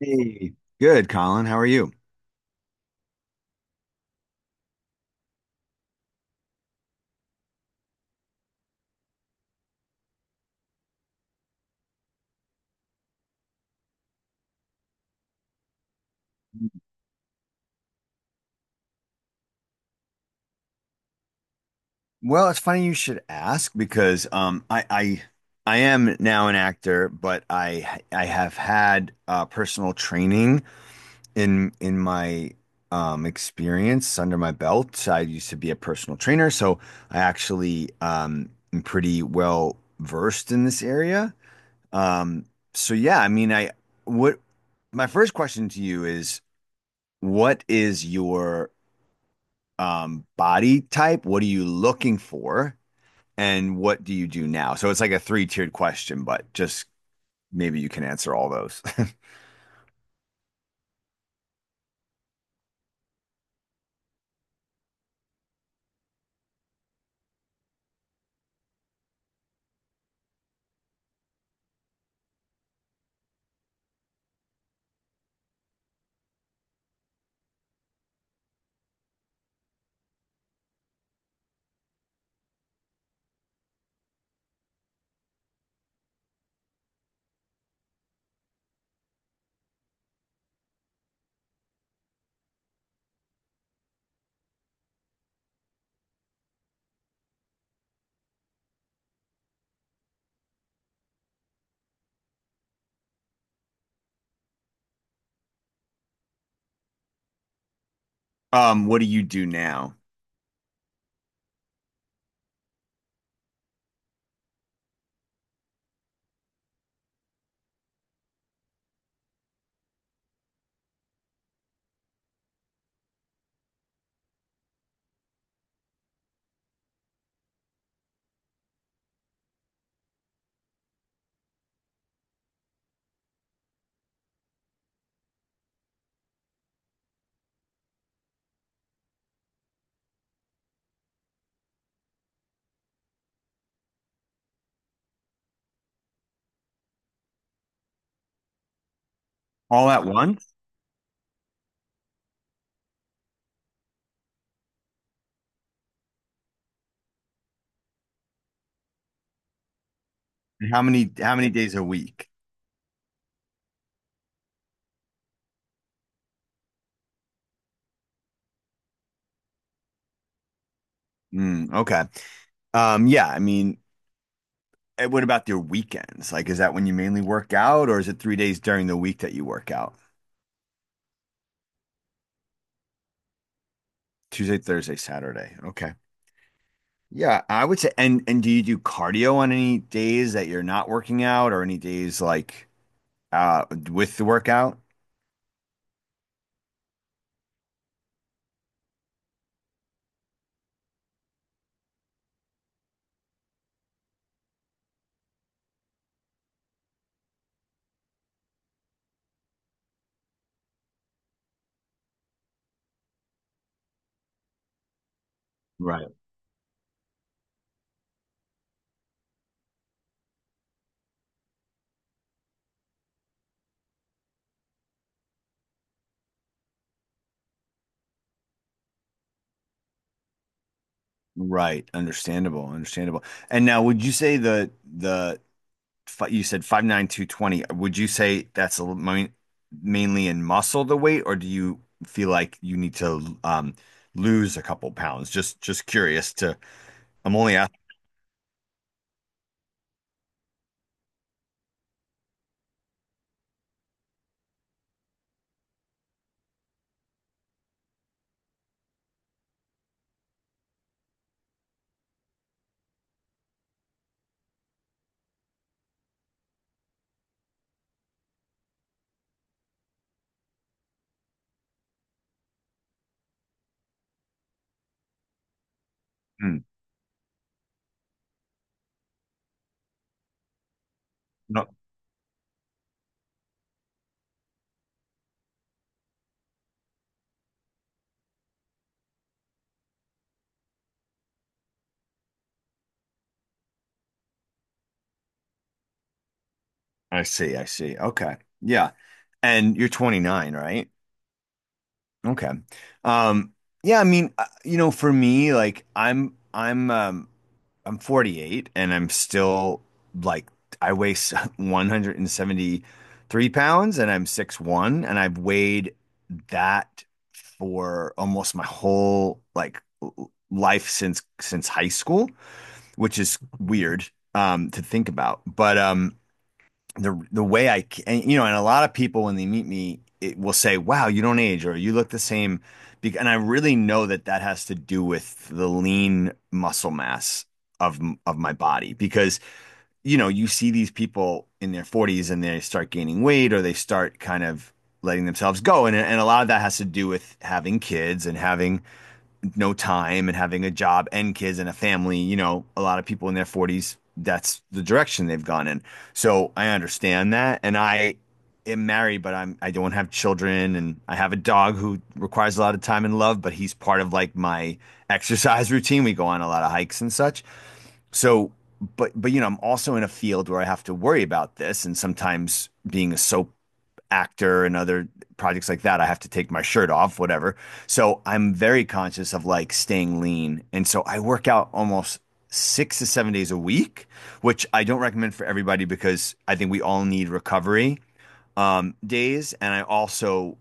Hey, good, Colin. How are you? Well, it's funny you should ask because I am now an actor, but I have had personal training in my experience under my belt. I used to be a personal trainer, so I actually am pretty well versed in this area. Um, so yeah, I mean, I what my first question to you is, what is your body type? What are you looking for? And what do you do now? So it's like a three-tiered question, but just maybe you can answer all those. What do you do now? All at once? And how many days a week? Mm, okay. Yeah, I mean, and what about your weekends? Like, is that when you mainly work out, or is it 3 days during the week that you work out? Tuesday, Thursday, Saturday. Okay. Yeah, I would say. And do you do cardio on any days that you're not working out, or any days like uh with the workout? Right. Right. Understandable. Understandable. And now, would you say the you said 5'9", 220. Would you say that's a, mainly in muscle the weight, or do you feel like you need to lose a couple pounds? Just curious to. I'm only asking. Hmm. No, I see. I see. Okay. Yeah. And you're 29, right? Okay. Um, yeah, I mean, you know, for me, like I'm 48 and I'm still like I weigh 173 pounds and I'm 6'1" and I've weighed that for almost my whole like life since high school, which is weird to think about. But the way and, you know, and a lot of people when they meet me it will say, "Wow, you don't age," or "You look the same," and I really know that that has to do with the lean muscle mass of of my body because you know you see these people in their 40s and they start gaining weight or they start kind of letting themselves go and a lot of that has to do with having kids and having no time and having a job and kids and a family, you know, a lot of people in their 40s, that's the direction they've gone in. So I understand that. And I am married, but I don't have children. And I have a dog who requires a lot of time and love, but he's part of like my exercise routine. We go on a lot of hikes and such. So, but, you know, I'm also in a field where I have to worry about this. And sometimes being a soap actor and other projects like that, I have to take my shirt off, whatever. So I'm very conscious of like staying lean. And so I work out almost 6 to 7 days a week, which I don't recommend for everybody because I think we all need recovery days. And I also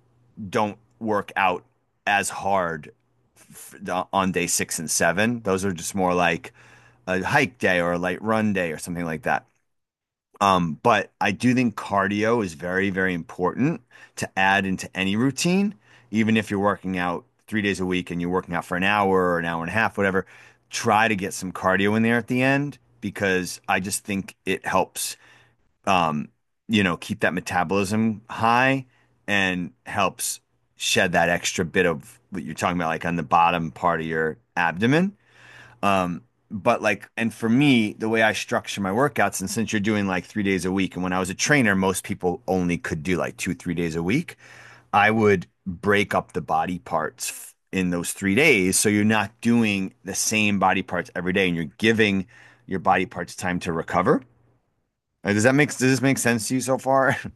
don't work out as hard on day six and seven. Those are just more like a hike day or a light run day or something like that. But I do think cardio is very, very important to add into any routine, even if you're working out 3 days a week and you're working out for an hour or an hour and a half, whatever. Try to get some cardio in there at the end because I just think it helps, um, you know, keep that metabolism high and helps shed that extra bit of what you're talking about, like on the bottom part of your abdomen. Um, but like, and for me, the way I structure my workouts, and since you're doing like 3 days a week, and when I was a trainer, most people only could do like two, 3 days a week. I would break up the body parts in those 3 days. So you're not doing the same body parts every day and you're giving your body parts time to recover. Does this make sense to you so far?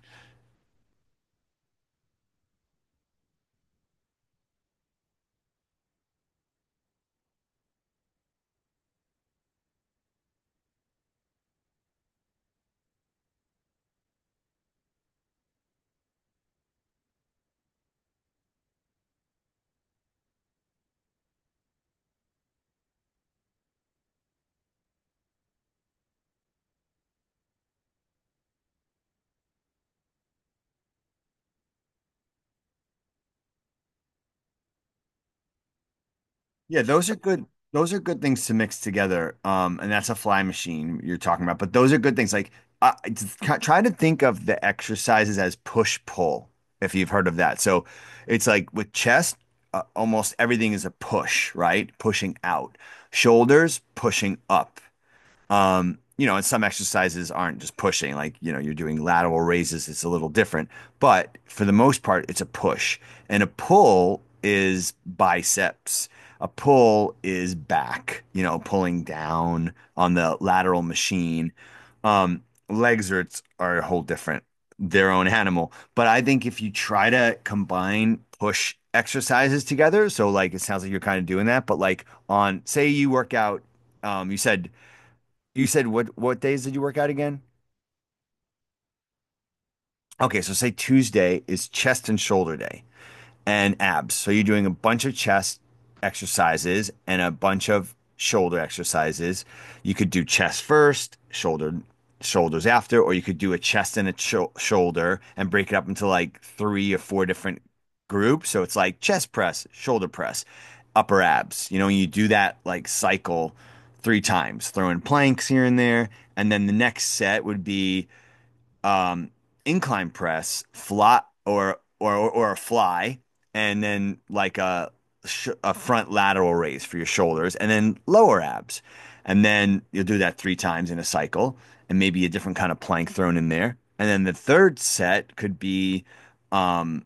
Yeah, those are good. Those are good things to mix together. And that's a fly machine you're talking about. But those are good things. Like, I just try to think of the exercises as push pull, if you've heard of that. So, it's like with chest, almost everything is a push, right? Pushing out. Shoulders, pushing up. You know, and some exercises aren't just pushing, like, you know, you're doing lateral raises, it's a little different. But for the most part, it's a push. And a pull is biceps. A pull is back, you know, pulling down on the lateral machine. Um, Legs are a whole different, their own animal. But I think if you try to combine push exercises together, so like it sounds like you're kind of doing that, but like on, say you work out, um, you said you said what days did you work out again? Okay, so say Tuesday is chest and shoulder day and abs. So you're doing a bunch of chest exercises and a bunch of shoulder exercises. You could do chest first, shoulders after, or you could do a chest and a shoulder and break it up into like three or four different groups. So it's like chest press, shoulder press, upper abs. You know, you do that like cycle three times, throwing planks here and there, and then the next set would be um, incline press, fly or a fly, and then like a front lateral raise for your shoulders, and then lower abs, and then you'll do that three times in a cycle, and maybe a different kind of plank thrown in there, and then the third set could be um,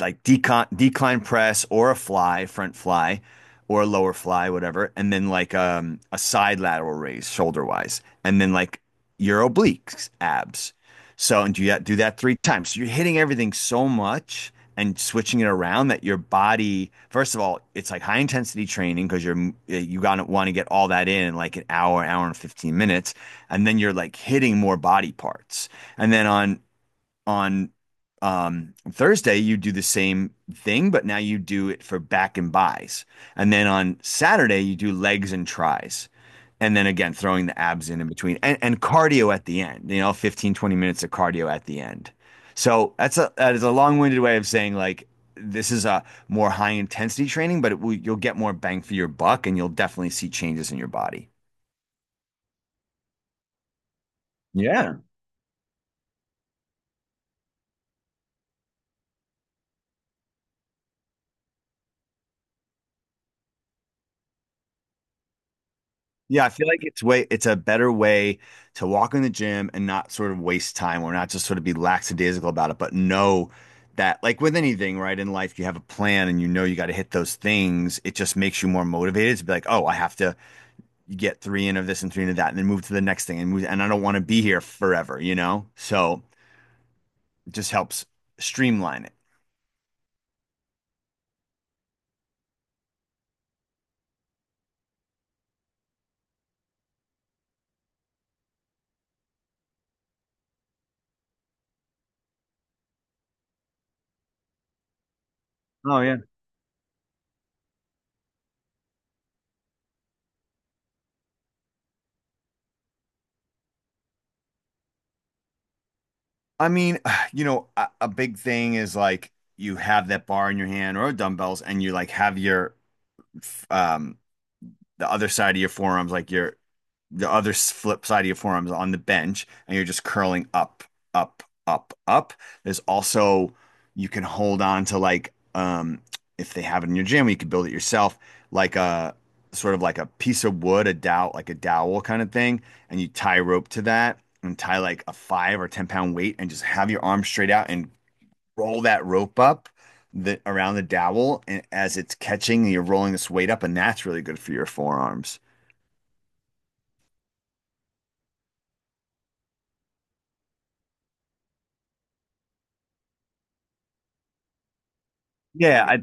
like decon decline press or a fly, front fly, or a lower fly, whatever, and then like a side lateral raise shoulder wise, and then like your obliques, abs. So and do that three times. So you're hitting everything so much and switching it around that your body, first of all, it's like high intensity training because you gotta want to get all that in like an hour, hour and 15 minutes, and then you're like hitting more body parts. And then on Thursday, you do the same thing, but now you do it for back and buys. And then on Saturday, you do legs and tries. And then again, throwing the abs in between and cardio at the end, you know, 15, 20 minutes of cardio at the end. So that is a long-winded way of saying like, this is a more high intensity training, but it will, you'll get more bang for your buck and you'll definitely see changes in your body. Yeah. Yeah, I feel like it's way it's a better way to walk in the gym and not sort of waste time or not just sort of be lackadaisical about it, but know that like with anything, right, in life you have a plan and you know you got to hit those things. It just makes you more motivated to be like, oh, I have to get three in of this and three in of that and then move to the next thing and move, and I don't want to be here forever, you know? So it just helps streamline it. Oh yeah. I mean, you know, a big thing is like you have that bar in your hand or dumbbells and you like have your um the other side of your forearms, like your the other flip side of your forearms on the bench, and you're just curling up, up, up, up. There's also you can hold on to like if they have it in your gym, you could build it yourself, like a sort of like a piece of wood, a dowel, like a dowel kind of thing, and you tie rope to that and tie like a 5 or 10 pound weight and just have your arm straight out and roll that rope up the around the dowel and as it's catching, you're rolling this weight up, and that's really good for your forearms. Yeah, I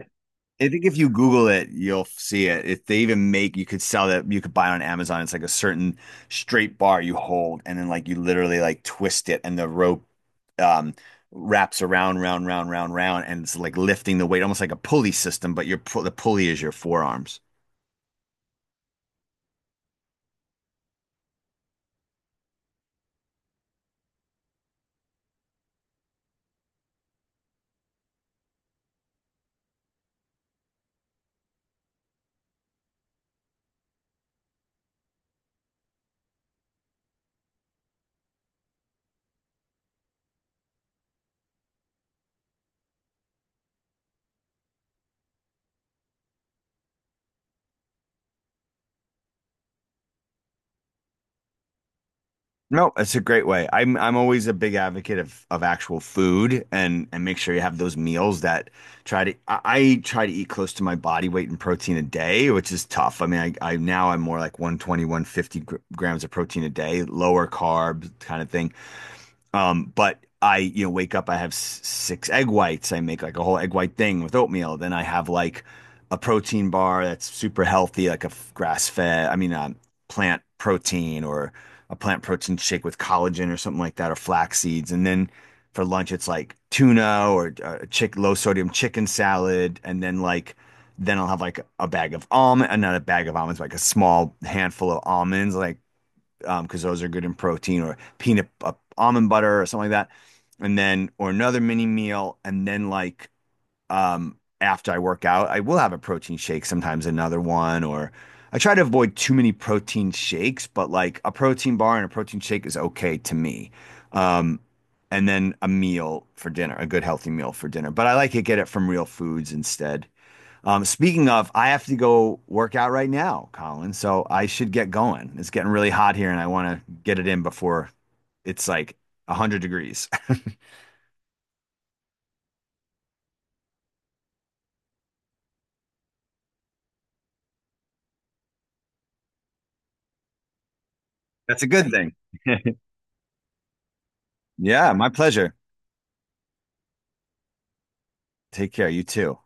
I think if you Google it, you'll see it. If they even make, you could sell that, you could buy it on Amazon. It's like a certain straight bar you hold, and then like you literally like twist it, and the rope um wraps around, round, round, round, round, and it's like lifting the weight, almost like a pulley system, but the pulley is your forearms. No, it's a great way. I'm always a big advocate of actual food and make sure you have those meals that I try to eat close to my body weight in protein a day, which is tough. I mean, I now I'm more like one twenty one fifty gr grams of protein a day, lower carb kind of thing. But I, you know, wake up, I have six egg whites. I make like a whole egg white thing with oatmeal. Then I have like a protein bar that's super healthy, like a grass fed, I mean, plant protein or a plant protein shake with collagen or something like that, or flax seeds. And then for lunch, it's like tuna or chick low sodium chicken salad. And then like, then I'll have like a bag of almond, not a bag of almonds, like a small handful of almonds, like because those are good in protein or peanut almond butter or something like that. And then, or another mini meal. And then, like, after I work out, I will have a protein shake, sometimes another one, or I try to avoid too many protein shakes, but like a protein bar and a protein shake is okay to me. Um, and then a meal for dinner, a good healthy meal for dinner. But I like to get it from real foods instead. Speaking of, I have to go work out right now, Colin. So I should get going. It's getting really hot here, and I want to get it in before it's like 100 degrees. That's a good thing. Yeah, my pleasure. Take care. You too.